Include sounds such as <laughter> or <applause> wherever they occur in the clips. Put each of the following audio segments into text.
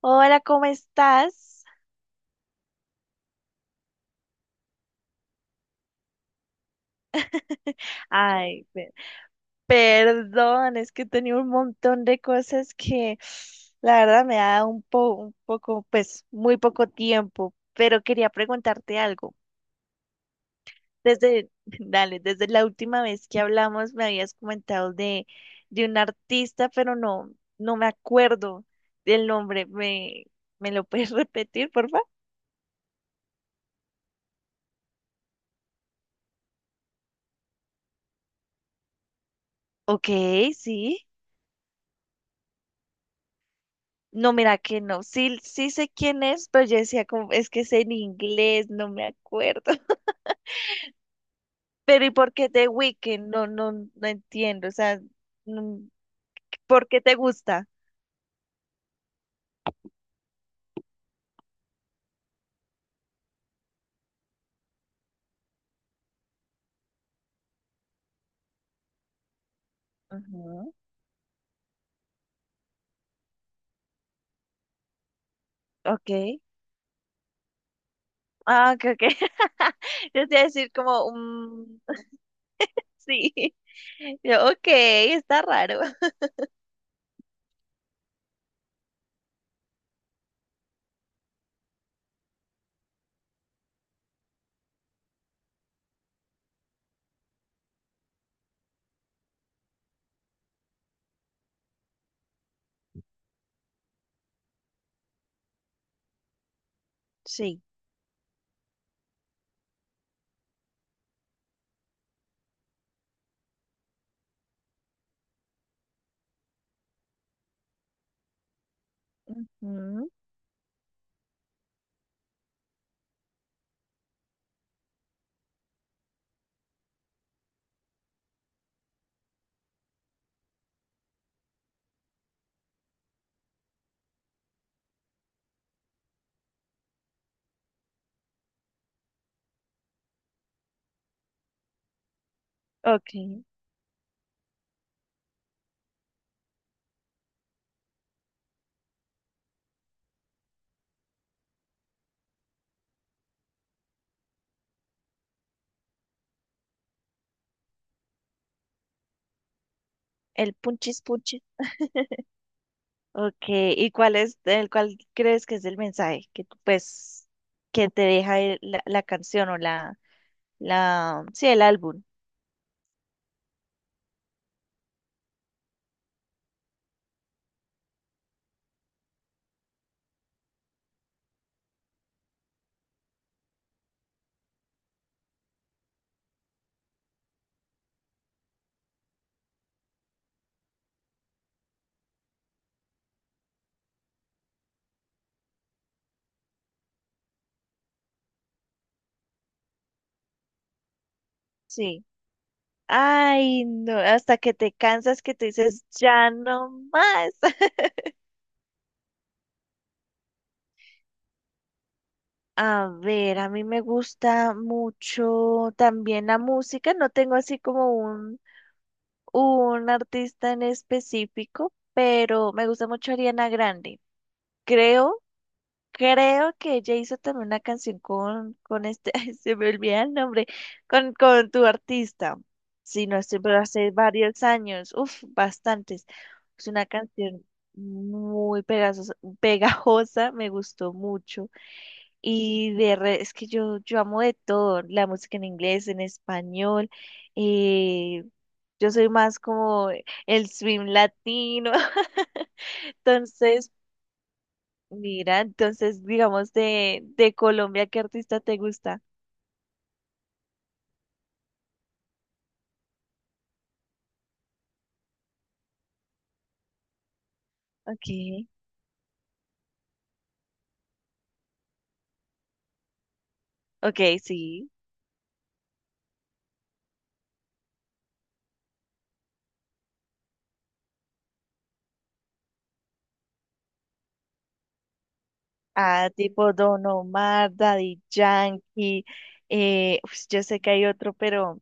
Hola, ¿cómo estás? Ay, perdón, es que tenía un montón de cosas que la verdad me da un poco, pues muy poco tiempo, pero quería preguntarte algo. Desde, <laughs> dale, desde la última vez que hablamos me habías comentado de un artista, pero no, no me acuerdo del nombre. ¿Me lo puedes <laughs> repetir, por favor? Ok, sí. No, mira que no. Sí, sí sé quién es, pero yo decía como, es que es en inglés, no me acuerdo. <laughs> Pero ¿y por qué The Weeknd? No, no, no entiendo. O sea, no- ¿por qué te gusta? Ujú. Ok. Ah, ok, ok. <laughs> Yo te iba a decir como. Sí. <laughs> Yo, ok, está raro. Sí. Ujú. Ok. El punchis punchis. Ok. ¿Y el cuál crees que es el mensaje que tú, pues, que te deja la canción o sí, el álbum? Sí. Ay, no, hasta que te cansas que te dices, ya no más. <laughs> A ver, a mí me gusta mucho también la música. No tengo así como un artista en específico, pero me gusta mucho Ariana Grande. Creo Creo que ella hizo también una canción con, <laughs> ay, se me olvida el nombre, con tu artista. Si no estoy, pero hace varios años, uff, bastantes. Es una canción muy pegajosa, pegajosa, me gustó mucho. Y es que yo amo de todo, la música en inglés, en español, eh, yo soy más como el swing latino, <laughs> entonces. Mira, entonces, digamos, de Colombia, ¿qué artista te gusta? Okay, okay, sí. Ah, tipo Don Omar, Daddy Yankee. Pues yo sé que hay otro, pero,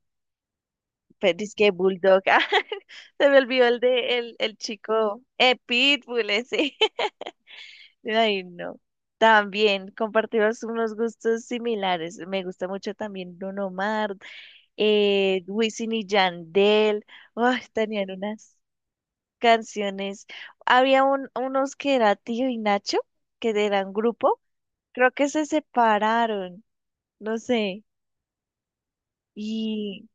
pero es que Bulldog. <laughs> Se me olvidó el de el chico. Pitbull, ese. <laughs> Ay, no. También compartimos unos gustos similares. Me gusta mucho también Don Omar, Wisin y Yandel. Ay, tenían unas canciones. Había unos que era Tío y Nacho, que eran grupo. Creo que se separaron, no sé. Y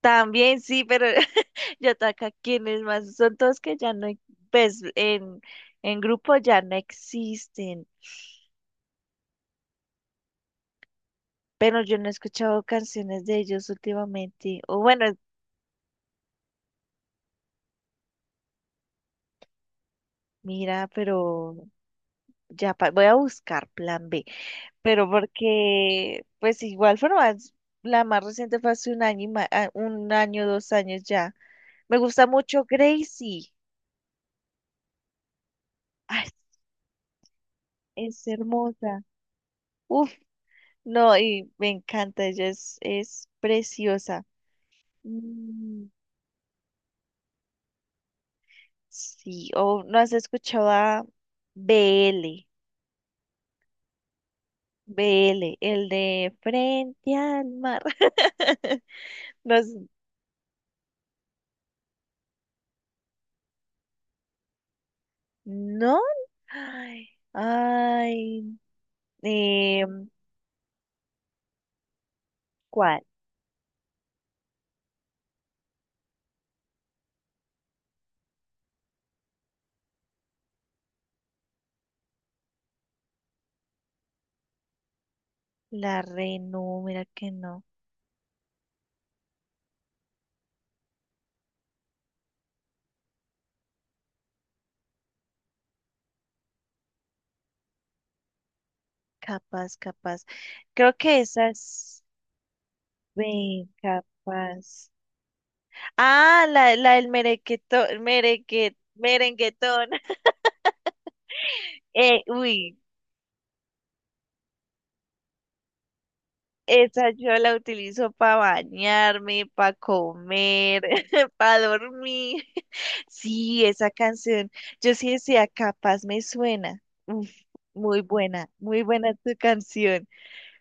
también sí, pero <laughs> yo acá quienes más. Son todos que ya no, pues en grupo ya no existen. Pero yo no he escuchado canciones de ellos últimamente. O bueno, mira, pero ya voy a buscar plan B, pero porque, pues igual forma, la más reciente fue hace un año, y un año, dos años ya. Me gusta mucho Gracie. Ay, es hermosa. Uf, no, y me encanta, ella es preciosa. Mm, sí, o no has escuchado a BL. BL, el de Frente al Mar. <laughs> No, ¿no? Ay, ay. Eh, ¿Cuál? La Renu, mira que no. Capaz, capaz. Creo que esa es. Ven, capaz. Ah, la del merequetón, merenguetón. <laughs> Uy, esa yo la utilizo para bañarme, para comer, <laughs> para dormir. <laughs> Sí, esa canción. Yo sí decía, capaz me suena. Uf, muy buena tu canción.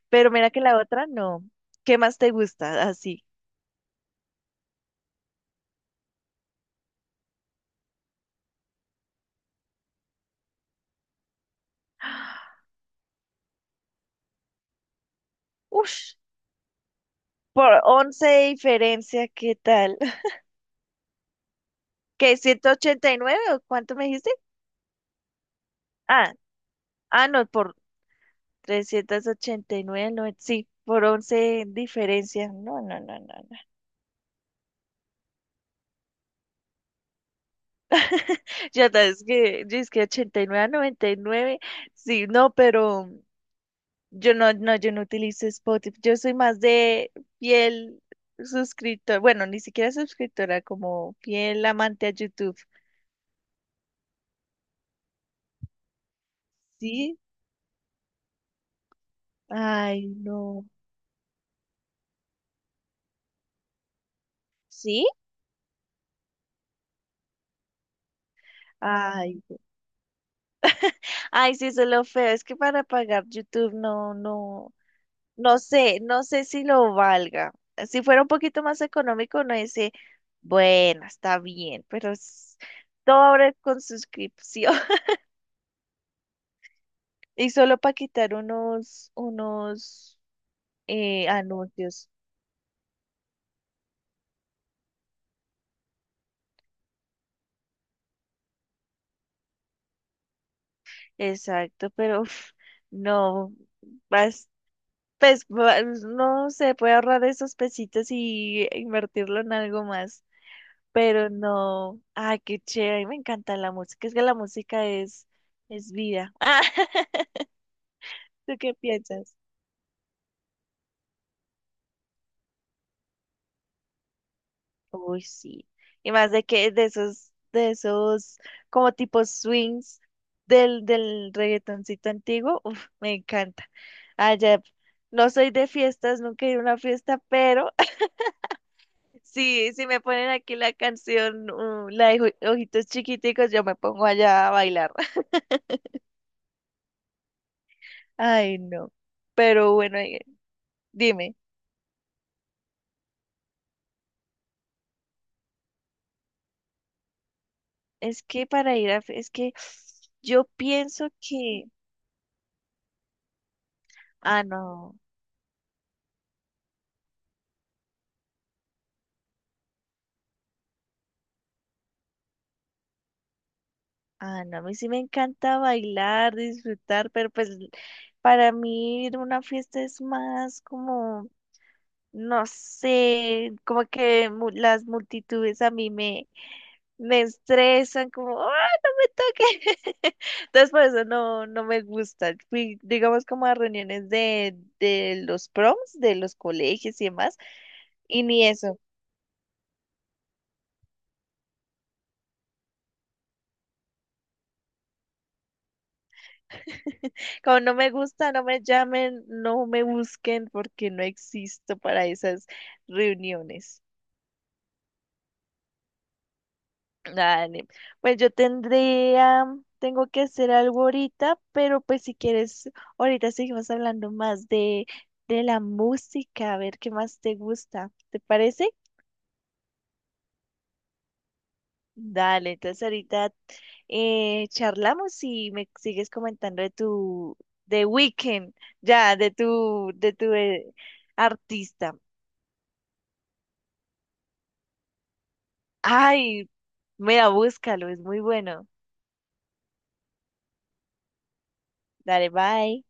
Pero mira que la otra no. ¿Qué más te gusta? Así. Ush, por 11 de diferencia, ¿qué tal? <laughs> ¿Qué, 189 o cuánto me dijiste? Ah, ah, no, por 389 no, sí, por 11 de diferencia. No, no, no, no, no. Ya sabes que, yo es que 89 a 99 sí, no, pero yo no, no, yo no utilizo Spotify. Yo soy más de fiel suscriptor, bueno, ni siquiera suscriptora, como fiel amante a YouTube. Sí, ay, no, ¿sí? Ay, ay, sí, eso es lo feo. Es que para pagar YouTube no, no, no sé, no sé si lo valga. Si fuera un poquito más económico, no dice, bueno, está bien, pero es todo ahora con suscripción <laughs> y solo para quitar unos anuncios. Exacto, pero uf, no, pues no se puede ahorrar esos pesitos y invertirlo en algo más. Pero no. Ay, qué chévere. Me encanta la música. Es que la música es vida. <laughs> ¿Tú qué piensas? Uy, sí. Y más de que de esos como tipo swings del reggaetoncito antiguo, uf, me encanta. Allá, no soy de fiestas, nunca he ido a una fiesta, pero sí, si me ponen aquí la canción, la de Ojitos Chiquiticos, yo me pongo allá a bailar. <laughs> Ay, no. Pero bueno, dime, es que para ir a, es que yo pienso que, ah, no, ah, no, a mí sí me encanta bailar, disfrutar, pero pues para mí ir a una fiesta es más como, no sé, como que las multitudes a mí me estresan, como, ¡ah, no me toques! <laughs> Entonces, por eso no, no me gusta. Fui, digamos, como a reuniones de los proms, de los colegios y demás, y ni eso. Como no me gusta, no me llamen, no me busquen, porque no existo para esas reuniones. Dale, pues yo tendría, tengo que hacer algo ahorita, pero pues si quieres, ahorita seguimos hablando más de la música, a ver qué más te gusta. ¿Te parece? Dale, entonces ahorita charlamos y me sigues comentando de Weekend, ya, de tu artista. Ay, mira, búscalo, es muy bueno. Dale, bye.